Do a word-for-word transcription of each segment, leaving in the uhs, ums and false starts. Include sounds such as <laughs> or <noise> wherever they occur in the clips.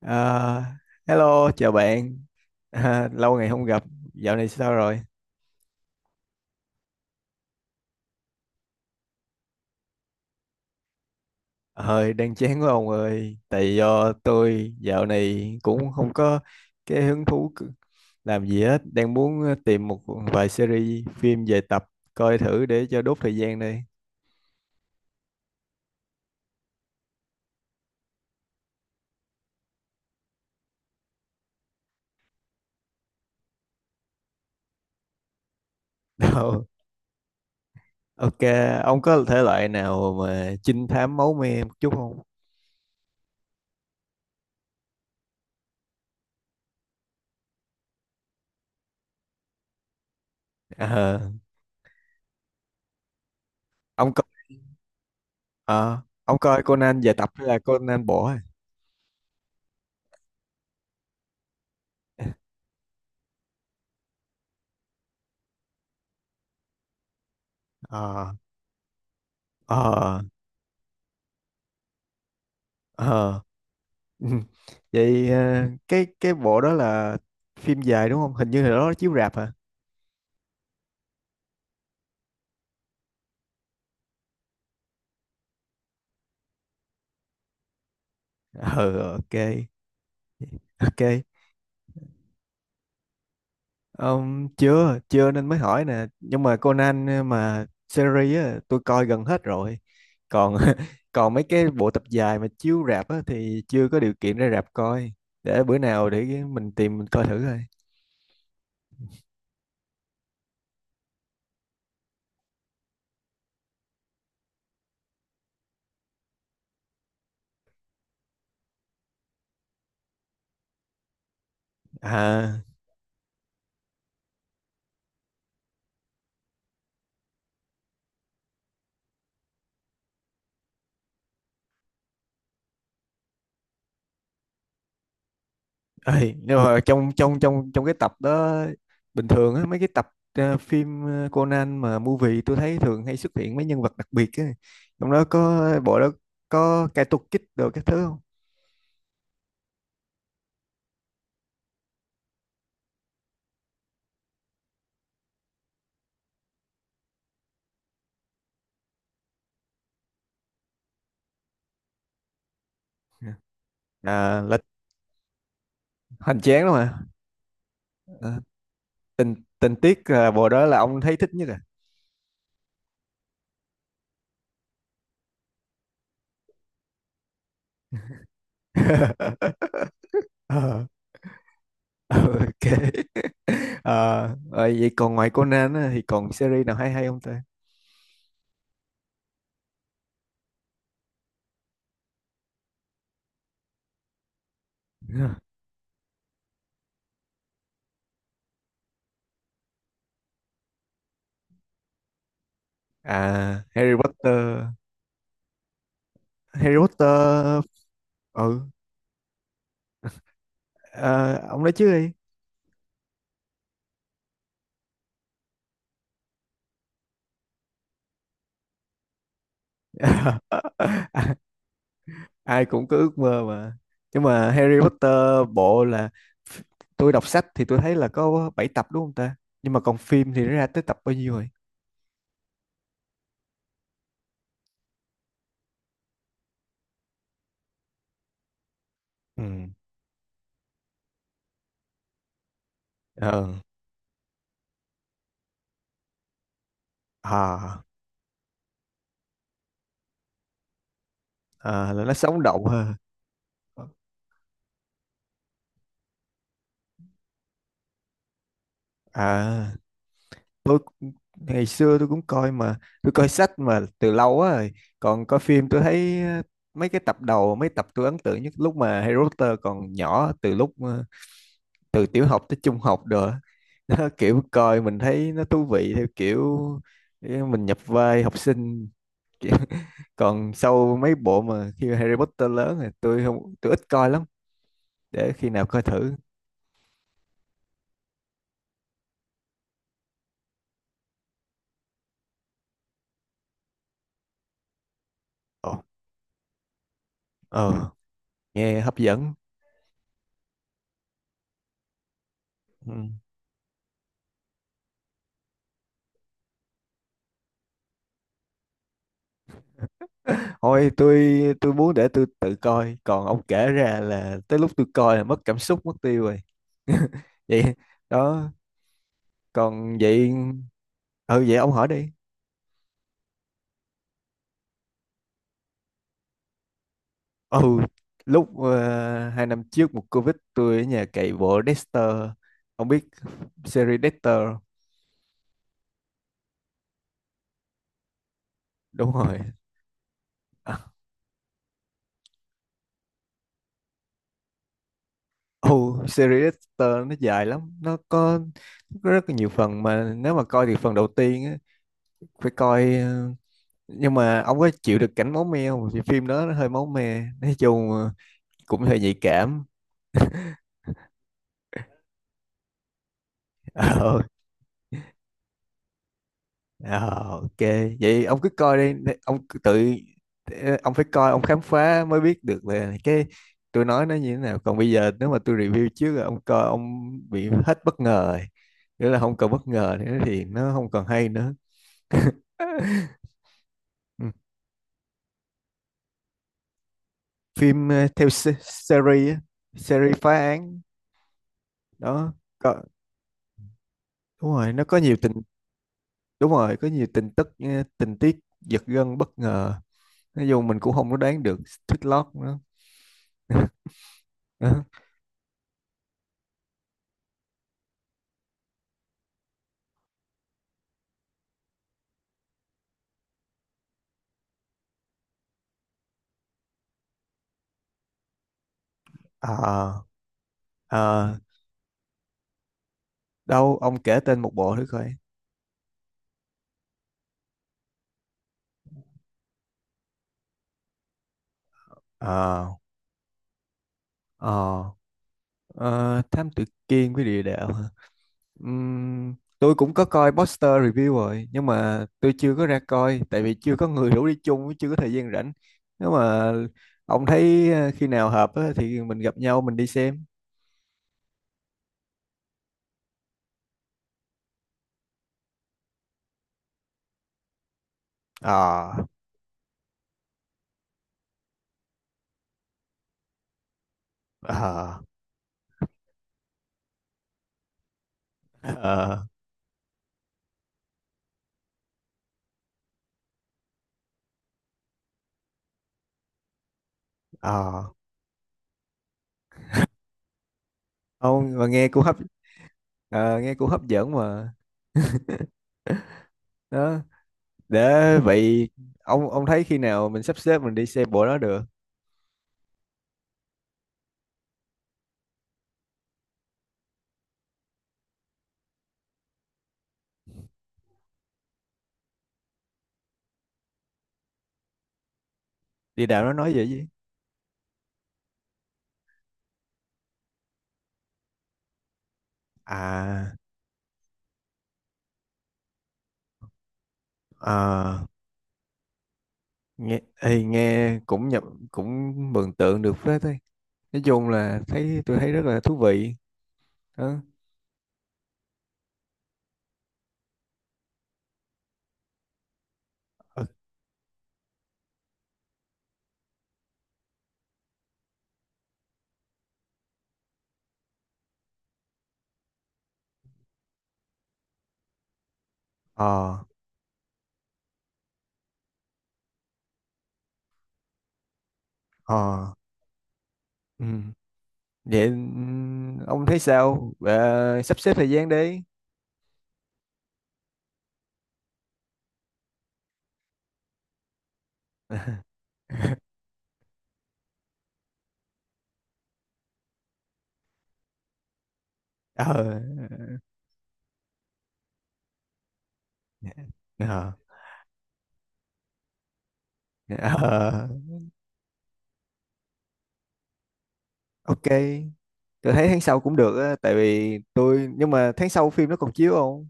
Ờ, Hello, chào bạn. <laughs> À, lâu ngày không gặp, dạo này sao rồi? Hơi đang chán quá ông ơi. Tại do tôi dạo này cũng không có cái hứng thú c- làm gì hết. Đang muốn ờ, tìm một vài series phim về tập coi thử để cho đốt thời gian đây. <laughs> Đâu. Ok, ông có thể loại nào mà trinh thám máu me một chút không? Ờ, ông coi, ờ, ông coi Conan về tập hay là Conan bỏ? Ờ, ờ, ờ. <laughs> Ừ. Vậy ờ, cái cái bộ đó là phim dài đúng không? Hình như là đó chiếu rạp hả? <laughs> Ừ, ok, ok. Ờm, chưa, chưa nên mới hỏi nè. Nhưng mà Conan ờ, mà series á, tôi coi gần hết rồi. Còn <laughs> còn mấy cái bộ tập dài mà chiếu rạp á, thì chưa có điều kiện ra rạp coi. Để bữa nào để mình tìm mình coi thử thôi. À. Ê, nhưng mà trong trong trong trong cái tập đó bình thường á mấy cái tập ờ, phim ờ, Conan mà movie tôi thấy thường hay xuất hiện mấy nhân vật đặc biệt á. Trong đó có bộ đó có Kaito Kid đồ các thứ không? À, là hoành tráng lắm mà. À, tình tình tiết là bộ đó là ông thấy thích nhất à. <laughs> Ờ, ok. Ờ, rồi vậy còn ngoài Conan á, thì còn series nào hay hay không ta? À, Harry Potter, Harry Potter, ừ. Ờ, ông nói trước đi. <laughs> Ai ai cũng có ước mơ mà. Nhưng mà Harry Potter bộ là tôi đọc sách thì tôi thấy là có bảy tập đúng không ta? Nhưng mà còn phim thì nó ra tới tập bao nhiêu rồi? Ừ. ờ à, à, là nó sống động hơn. à tôi cũng- Ngày xưa tôi cũng coi mà. Tôi coi sách mà từ lâu á rồi. Còn coi phim tôi thấy ờ, mấy cái tập đầu mấy tập tôi ấn tượng nhất lúc mà Harry Potter còn nhỏ, từ lúc ờ, từ tiểu học tới trung học rồi á. Nó kiểu coi mình thấy nó thú vị, theo kiểu mình nhập vai học sinh. Còn sau mấy bộ mà khi Harry Potter lớn thì tôi không, tôi ít coi lắm, để khi nào coi thử. Ờ. ờ, Nghe hấp dẫn. Ừ. Thôi, tôi tôi muốn để tôi tự coi, còn ông kể ra là tới lúc tôi coi là mất cảm xúc mất tiêu rồi. <laughs> Vậy đó. Còn vậy. Ừ, vậy ông hỏi đi. Ừ, lúc ờ, hai năm trước một Covid tôi ở nhà cày bộ Dexter. Ông biết series Dexter không? Đúng rồi. <laughs> À, ừ. Series Dexter nó dài lắm, nó có, nó có rất là nhiều phần, mà nếu mà coi thì phần đầu tiên á, phải coi. ờ, nhưng mà ông có chịu được cảnh máu me không? Vì phim đó nó hơi máu me, nói chung ờ, cũng hơi nhạy cảm. <laughs> Ờ, ok. Vậy ông cứ coi đi, để- ông cứ tự ông phải coi, ông khám phá mới biết được là cái tôi nói nó như thế nào. Còn bây giờ nếu mà tôi review trước rồi ông coi, ông bị hết bất ngờ rồi, nghĩa là không còn bất ngờ nữa thì nó không còn hay nữa. <laughs> Ừ. Phim ờ, theo se- series á, series phá án. Đó có. Đúng rồi, nó có nhiều tình. Đúng rồi, có nhiều tình tức ờ, tình tiết giật gân bất ngờ, nói chung mình cũng không có đoán được twist lock nữa. <laughs> Ờ, ờ, đâu ông kể tên một bộ thử coi. Ờ, ờ, ờ, Thám Tử Kiên với Địa Đạo hả? Ừm, tôi cũng có coi poster review rồi, nhưng mà tôi chưa có ra coi tại vì chưa có người rủ đi chung với, chưa có thời gian rảnh. Nếu mà ông thấy ờ, khi nào hợp á, thì mình gặp nhau mình đi xem. Ờ ờ ờ ờ ờ. Ông mà nghe cũng hấp, ờ, nghe cũng hấp dẫn mà. Đó, để vậy ông ông thấy khi nào mình sắp xếp mình đi xe bộ đó được. Đi đảo nó nói vậy chứ. À, ờ, nghe ê, nghe cũng nhập, cũng mường tượng được phết thôi. Nói chung là thấy tôi thấy rất là thú vị. Đó ờ ờ ờ, ừ. Vậy ừm, ông thấy sao? Ờ, Sắp xếp thời gian đi. <laughs> ờ ờ ờ ok. Tôi thấy tháng sau cũng được á, tại vì tôi nhưng mà tháng sau phim nó còn chiếu không?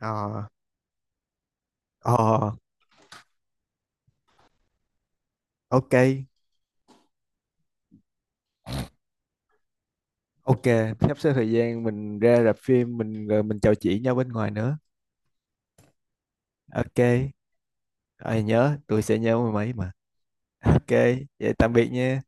ờ ờ ok, ok. Sắp xếp thời gian mình ra rạp phim mình rồi mình trò chuyện nhau bên ngoài nữa. Ok. ờ, Nhớ, tôi sẽ nhớ mười mấy mà. Ok, vậy tạm biệt nha.